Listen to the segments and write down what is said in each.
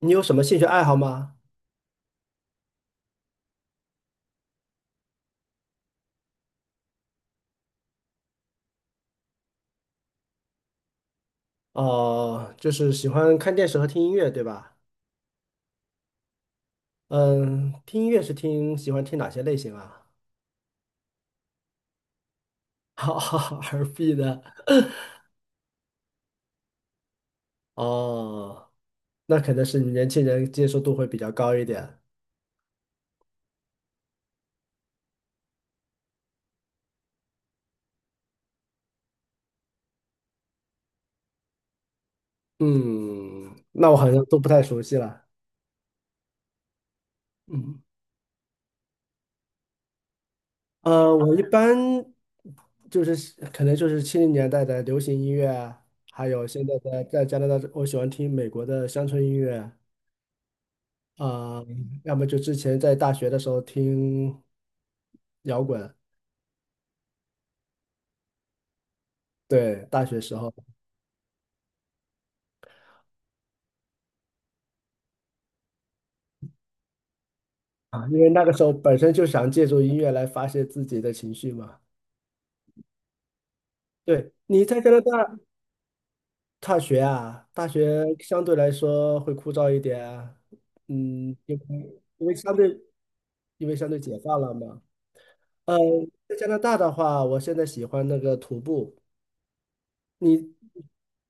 你有什么兴趣爱好吗？哦、就是喜欢看电视和听音乐，对吧？嗯，听音乐是听，喜欢听哪些类型啊？R&B 的，哦，那可能是你年轻人接受度会比较高一点。嗯，那我好像都不太熟悉了。嗯，我一般就是可能就是70年代的流行音乐啊还有现在的在加拿大，我喜欢听美国的乡村音乐。啊，要么就之前在大学的时候听摇滚，对，大学时候啊，因为那个时候本身就想借助音乐来发泄自己的情绪嘛。对，你在加拿大大学啊，大学相对来说会枯燥一点啊，嗯，因为相对解放了嘛。呃，在加拿大的话，我现在喜欢那个徒步，你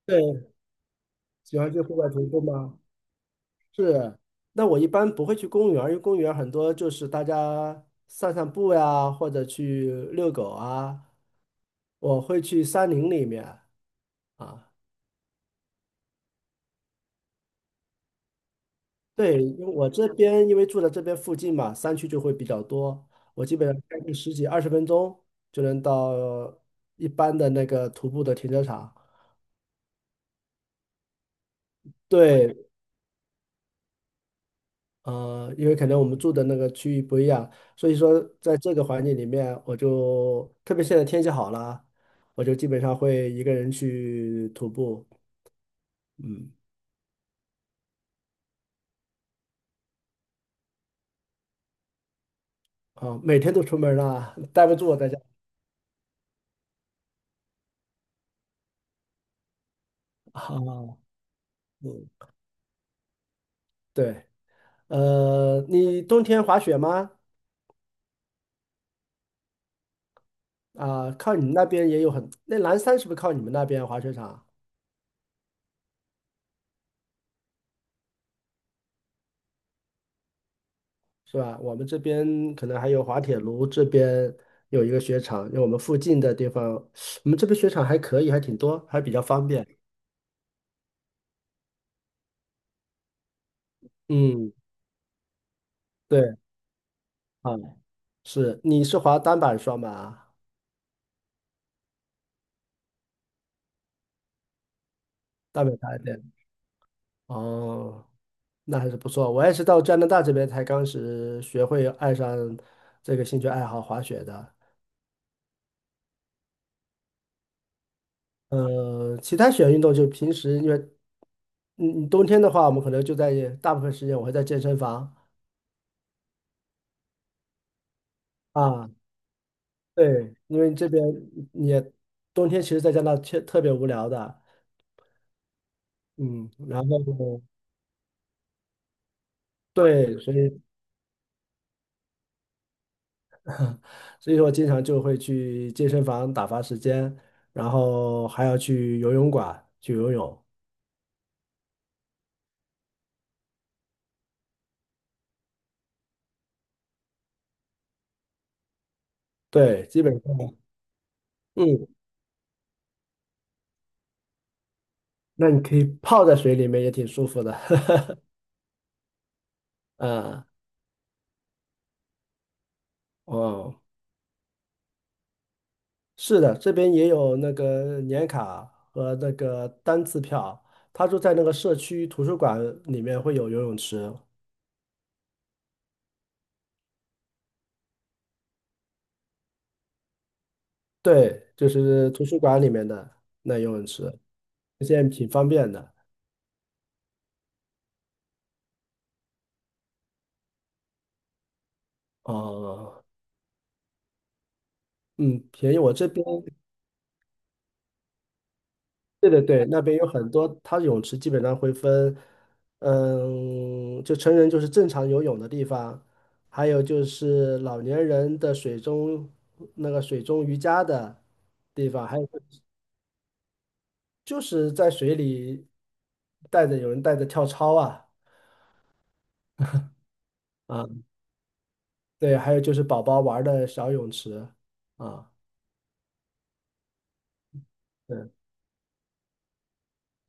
对喜欢去户外徒步吗？是，那我一般不会去公园儿因为公园儿很多就是大家散散步呀，或者去遛狗啊。我会去山林里面啊，对，因为我这边因为住在这边附近嘛，山区就会比较多，我基本上开个十几二十分钟就能到一般的那个徒步的停车场。对，因为可能我们住的那个区域不一样，所以说在这个环境里面，我就特别现在天气好了，我就基本上会一个人去徒步，嗯，啊，每天都出门了，待不住我在家。啊，嗯，对，你冬天滑雪吗？啊，靠你们那边也有很，那蓝山是不是靠你们那边滑雪场啊？是吧？我们这边可能还有滑铁卢这边有一个雪场，因为我们附近的地方，我们这边雪场还可以，还挺多，还比较方便。嗯，对，啊，是，你是滑单板双板啊？单板大一点。哦，那还是不错。我也是到加拿大这边才刚是学会爱上这个兴趣爱好滑雪的。其他雪运动就平时因为，嗯，冬天的话，我们可能就在大部分时间我会在健身房。啊，对，因为这边嗯也冬天，其实在加拿大特别无聊的，嗯，然后对，所以说我经常就会去健身房打发时间，然后还要去游泳馆去游泳，对，基本上，嗯，那你可以泡在水里面也挺舒服的，嗯，哦，是的，这边也有那个年卡和那个单次票，他就在那个社区图书馆里面会有游泳池。对，就是图书馆里面的那游泳池，现在挺方便的。哦，嗯，便宜。我这边，对对对，那边有很多，它泳池基本上会分，嗯，就成人就是正常游泳的地方，还有就是老年人的水中那个水中瑜伽的地方，还有就是在水里带着有人带着跳操啊啊，对，还有就是宝宝玩儿的小泳池啊。对。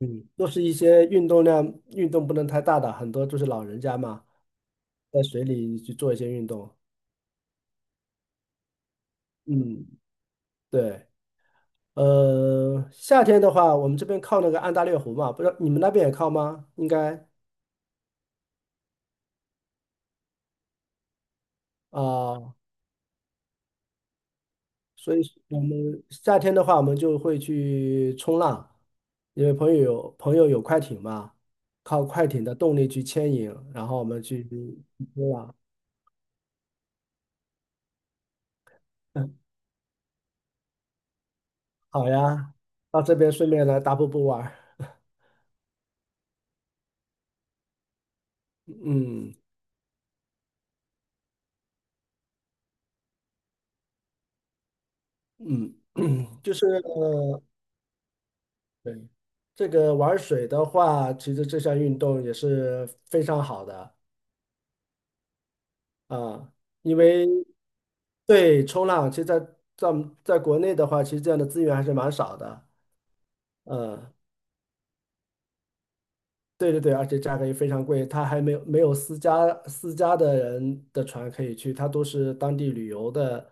嗯，都是一些运动量，运动不能太大的，很多就是老人家嘛，在水里去做一些运动。嗯，对，夏天的话，我们这边靠那个安大略湖嘛，不知道你们那边也靠吗？应该啊，所以我们夏天的话，我们就会去冲浪，因为朋友有快艇嘛，靠快艇的动力去牵引，然后我们去冲浪。好呀，到这边顺便来大瀑布玩儿嗯。嗯，就是对这个玩水的话，其实这项运动也是非常好的啊，因为对冲浪，其实在我们在国内的话，其实这样的资源还是蛮少的。嗯，对对对，而且价格也非常贵，它还没有私家的人的船可以去，它都是当地旅游的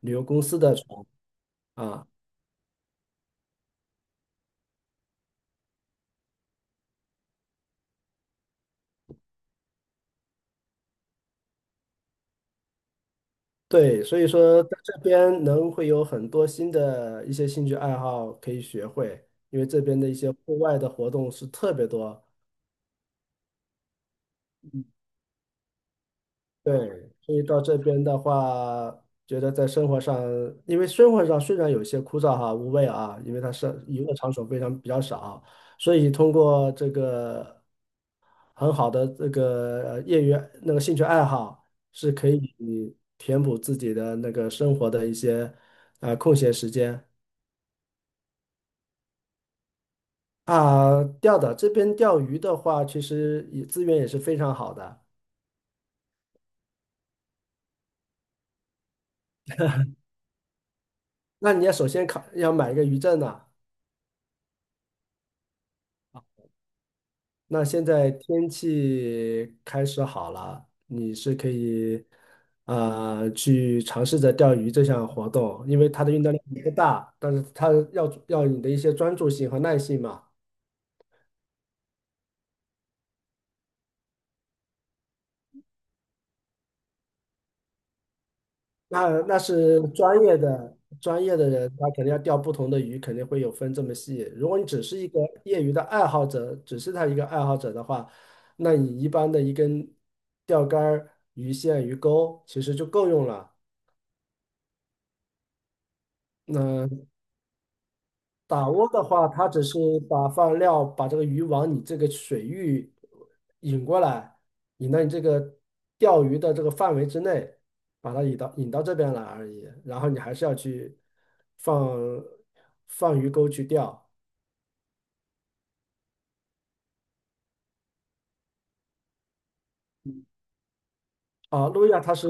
旅游公司的船啊。对，所以说在这边能会有很多新的一些兴趣爱好可以学会，因为这边的一些户外的活动是特别多。对，所以到这边的话，觉得在生活上，因为生活上虽然有些枯燥哈、无味啊，因为它是娱乐场所非常比较少，所以通过这个很好的这个业余那个兴趣爱好，是可以填补自己的那个生活的一些啊、空闲时间。啊，钓的这边钓鱼的话，其实也资源也是非常好的。那你要首先考要买一个渔证呢、那现在天气开始好了，你是可以去尝试着钓鱼这项活动，因为它的运动量不大，但是它要要你的一些专注性和耐性嘛。那那是专业的人，他肯定要钓不同的鱼，肯定会有分这么细。如果你只是一个业余的爱好者，只是他一个爱好者的话，那你一般的一根钓竿儿、鱼线、鱼钩其实就够用了。那打窝的话，它只是把放料，把这个鱼往你这个水域引过来，引到你这个钓鱼的这个范围之内，把它引到这边来而已。然后你还是要去放放鱼钩去钓啊。路亚它是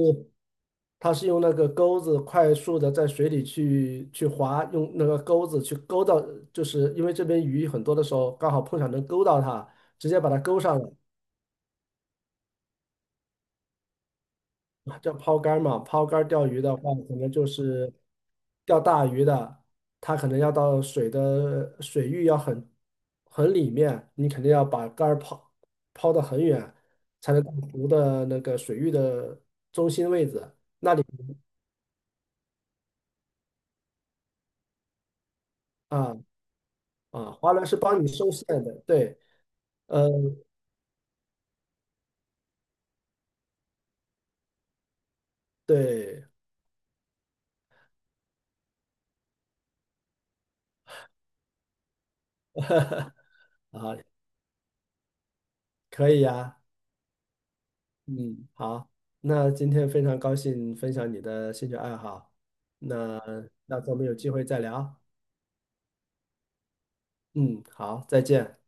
它是用那个钩子快速的在水里去划，用那个钩子去勾到，就是因为这边鱼很多的时候刚好碰巧能勾到它，直接把它勾上来。啊叫抛竿儿嘛，抛竿儿钓鱼的话，可能就是钓大鱼的，它可能要到水的水域要很里面，你肯定要把竿儿抛得很远，才能到湖的那个水域的中心位置啊啊，华人是帮你收线的，对，呃，对，可以呀，嗯，好，那今天非常高兴分享你的兴趣爱好，那咱们有机会再聊，嗯，好，再见。